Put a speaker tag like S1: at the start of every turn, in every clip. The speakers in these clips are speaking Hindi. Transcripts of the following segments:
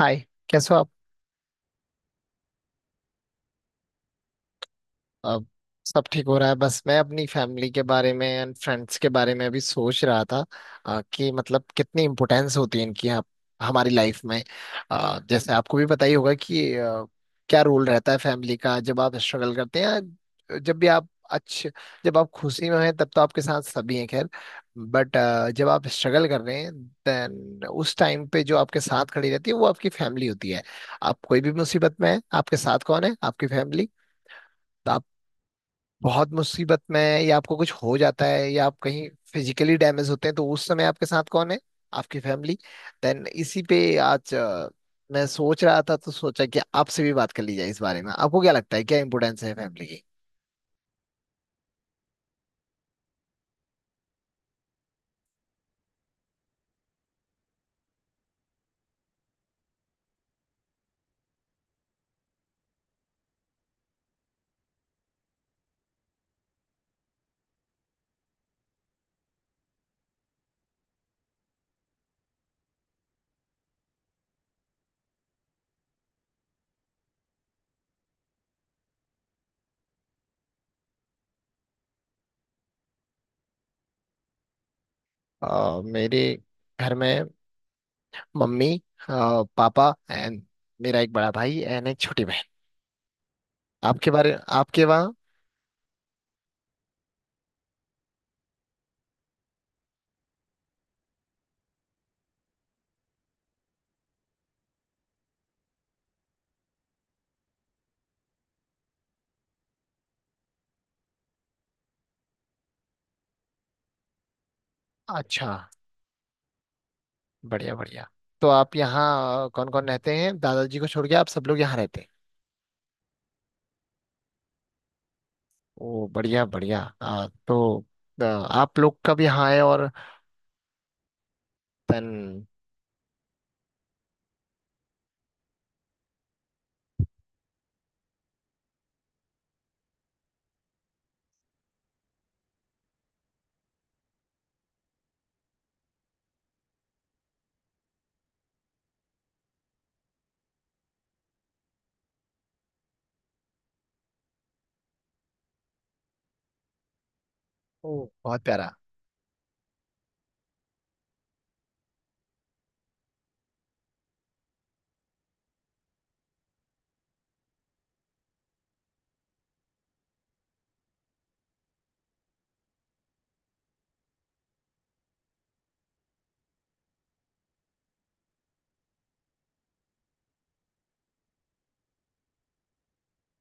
S1: हाय। कैसे हो आप? अब सब ठीक हो रहा है। बस मैं अपनी फैमिली के बारे में एंड फ्रेंड्स के बारे में अभी सोच रहा था। कि मतलब कितनी इम्पोर्टेंस होती है इनकी हमारी लाइफ में। जैसे आपको भी पता ही होगा कि क्या रोल रहता है फैमिली का, जब आप स्ट्रगल करते हैं या जब भी आप अच्छे, जब आप खुशी में हैं तब तो आपके साथ सभी हैं, खैर। बट जब आप स्ट्रगल कर रहे हैं, देन उस टाइम पे जो आपके साथ खड़ी रहती है वो आपकी फैमिली होती है। आप कोई भी मुसीबत में है, आपके साथ कौन है? आपकी फैमिली। तो आप बहुत मुसीबत में हैं या आपको कुछ हो जाता है या आप कहीं फिजिकली डैमेज होते हैं, तो उस समय आपके साथ कौन है? आपकी फैमिली। देन इसी पे आज मैं सोच रहा था, तो सोचा कि आपसे भी बात कर ली जाए। इस बारे में आपको क्या लगता है, क्या इम्पोर्टेंस है फैमिली की? मेरे घर में मम्मी, पापा एंड मेरा एक बड़ा भाई एंड एक छोटी बहन। आपके बारे, आपके वहाँ? अच्छा। बढ़िया बढ़िया। तो आप यहाँ कौन कौन रहते हैं? दादाजी को छोड़ के आप सब लोग यहाँ रहते हैं? ओ, बढ़िया बढ़िया। तो आप लोग का भी हाँ है, और तन। ओ, बहुत प्यारा।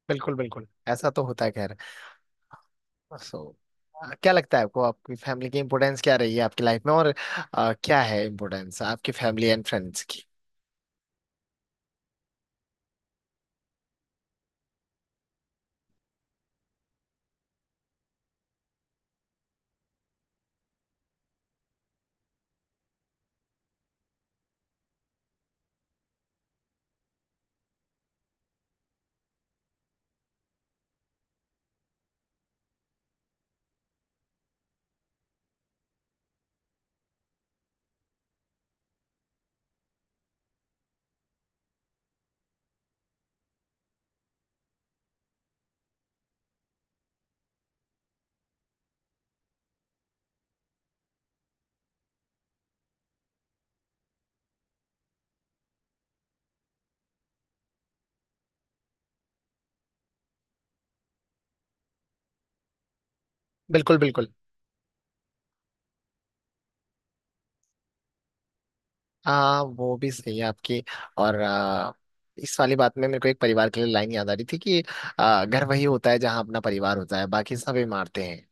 S1: बिल्कुल बिल्कुल, ऐसा तो होता है, खैर। सो क्या लगता है आपको, आपकी फैमिली की इम्पोर्टेंस क्या रही है आपकी लाइफ में, और क्या है इम्पोर्टेंस आपकी फैमिली एंड फ्रेंड्स की? बिल्कुल बिल्कुल। हाँ, वो भी सही है आपकी। और इस वाली बात में मेरे को एक परिवार के लिए लाइन याद आ रही थी कि घर वही होता है जहाँ अपना परिवार होता है, बाकी सब इमारतें हैं।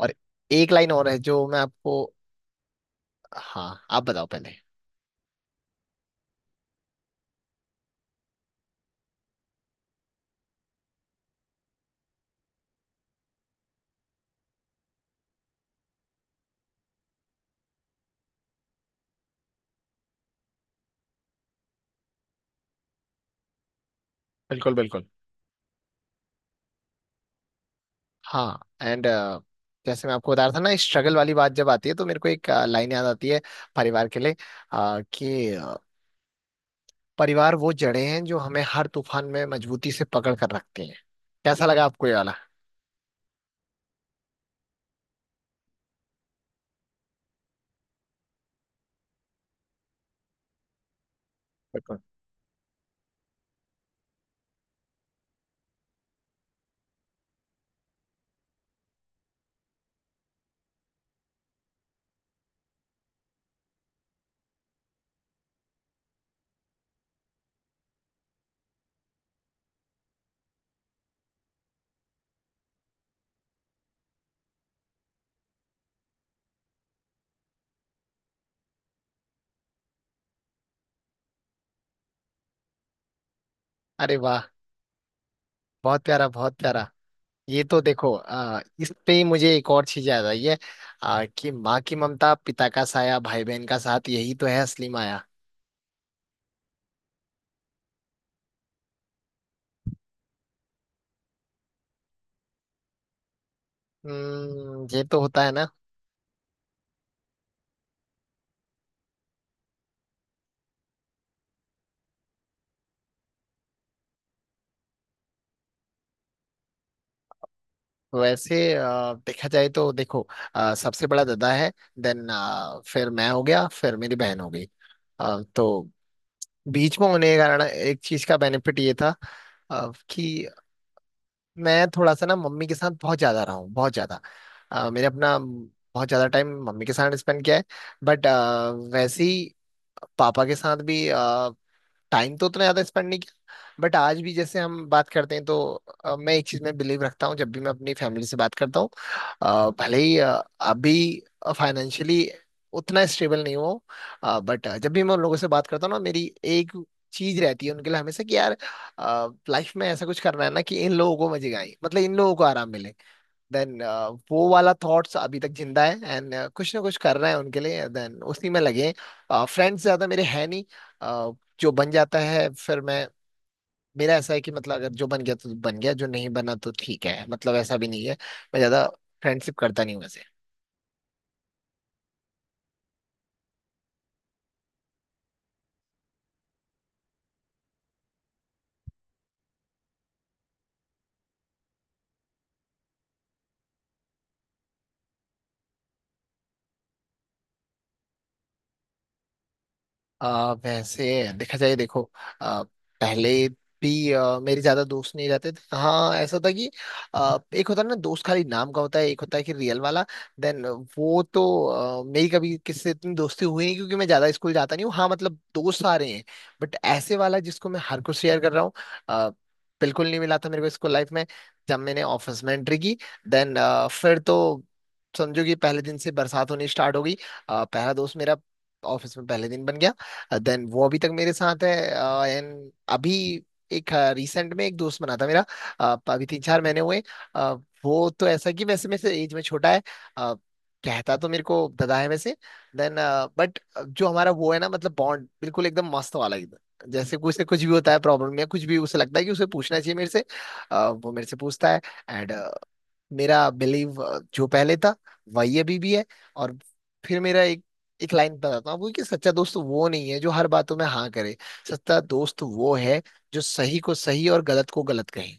S1: और एक लाइन और है जो मैं आपको। हाँ, आप बताओ पहले। बिल्कुल बिल्कुल। हाँ एंड जैसे मैं आपको बता रहा था ना, स्ट्रगल वाली बात जब आती है तो मेरे को एक लाइन याद आती है परिवार के लिए, कि परिवार वो जड़ें हैं जो हमें हर तूफान में मजबूती से पकड़ कर रखती हैं। कैसा लगा आपको ये वाला? बिल्कुल। अरे वाह, बहुत प्यारा, बहुत प्यारा। ये तो देखो, इस पे ही मुझे एक और चीज याद आई है, कि माँ की ममता, पिता का साया, भाई बहन का साथ, यही तो है असली माया। हम्म, ये तो होता है ना। वैसे देखा जाए तो देखो, सबसे बड़ा दादा है, देन फिर मैं हो गया, फिर मेरी बहन हो गई। तो बीच में होने के कारण एक चीज का बेनिफिट ये था, कि मैं थोड़ा सा ना मम्मी के साथ बहुत ज्यादा रहा हूँ, बहुत ज्यादा। मैंने अपना बहुत ज्यादा टाइम मम्मी के साथ स्पेंड किया है। बट वैसे ही पापा के साथ भी टाइम तो उतना ज्यादा स्पेंड नहीं किया। बट आज भी जैसे हम बात करते हैं तो मैं एक चीज में बिलीव रखता हूँ, जब भी मैं अपनी फैमिली से बात करता हूँ, भले ही अभी फाइनेंशियली उतना स्टेबल नहीं हो, बट जब भी मैं उन लोगों से बात करता हूँ ना, मेरी एक चीज रहती है उनके लिए हमेशा कि यार, लाइफ में ऐसा कुछ करना है ना कि इन लोगों को मजे आए, मतलब इन लोगों को आराम मिले। देन वो वाला थॉट्स अभी तक जिंदा है एंड कुछ ना कुछ कर रहे हैं उनके लिए, देन उसी में लगे। फ्रेंड्स ज्यादा मेरे हैं नहीं। अ, जो बन जाता है, फिर मैं, मेरा ऐसा है कि मतलब अगर जो बन गया तो बन गया, जो नहीं बना तो ठीक है। मतलब ऐसा भी नहीं है, मैं ज्यादा फ्रेंडशिप करता नहीं हूँ वैसे। वैसे देखा जाए, देखो आ, पहले भी मेरे ज्यादा दोस्त नहीं रहते थे। हाँ, ऐसा था कि एक होता है ना दोस्त खाली नाम का, होता है एक होता है कि रियल वाला। देन वो तो मेरी कभी किससे इतनी दोस्ती हुई नहीं, क्योंकि मैं ज्यादा स्कूल जाता नहीं हूँ। हाँ, मतलब दोस्त आ रहे हैं, बट ऐसे वाला जिसको मैं हर कुछ शेयर कर रहा हूँ, आ, बिल्कुल नहीं मिला था मेरे को स्कूल लाइफ में। जब मैंने ऑफिस में एंट्री की, देन फिर तो समझो कि पहले दिन से बरसात होनी स्टार्ट हो गई। पहला दोस्त मेरा ऑफिस में पहले दिन बन गया, देन वो अभी तक मेरे साथ है। एंड अभी एक, रिसेंट में एक दोस्त बना था मेरा, अभी तीन चार महीने हुए। अ, वो तो ऐसा कि वैसे मेरे से एज में छोटा है, अ, कहता तो मेरे को दादा है वैसे। देन बट जो हमारा वो है ना, मतलब बॉन्ड बिल्कुल एकदम मस्त वाला, एकदम जैसे कुछ से कुछ भी होता है, प्रॉब्लम या कुछ भी उसे लगता है कि उसे पूछना चाहिए मेरे से, वो मेरे से पूछता है। एंड मेरा बिलीव जो पहले था वही अभी भी है। और फिर मेरा एक एक लाइन बताता हूँ आपको कि सच्चा दोस्त वो नहीं है जो हर बातों में हाँ करे, सच्चा दोस्त वो है जो सही को सही और गलत को गलत कहे।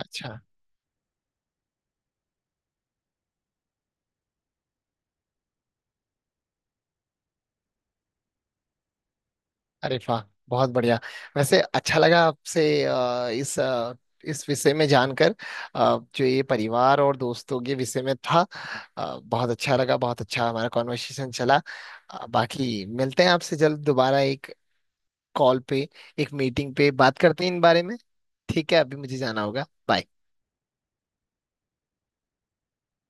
S1: अच्छा। अरे वाह, बहुत बढ़िया। वैसे अच्छा लगा आपसे इस इस विषय में जानकर, जो ये परिवार और दोस्तों के विषय में था। बहुत अच्छा लगा, बहुत अच्छा हमारा कॉन्वर्सेशन चला। बाकी मिलते हैं आपसे जल्द दोबारा, एक कॉल पे, एक मीटिंग पे बात करते हैं इन बारे में। ठीक है, अभी मुझे जाना होगा, बाय।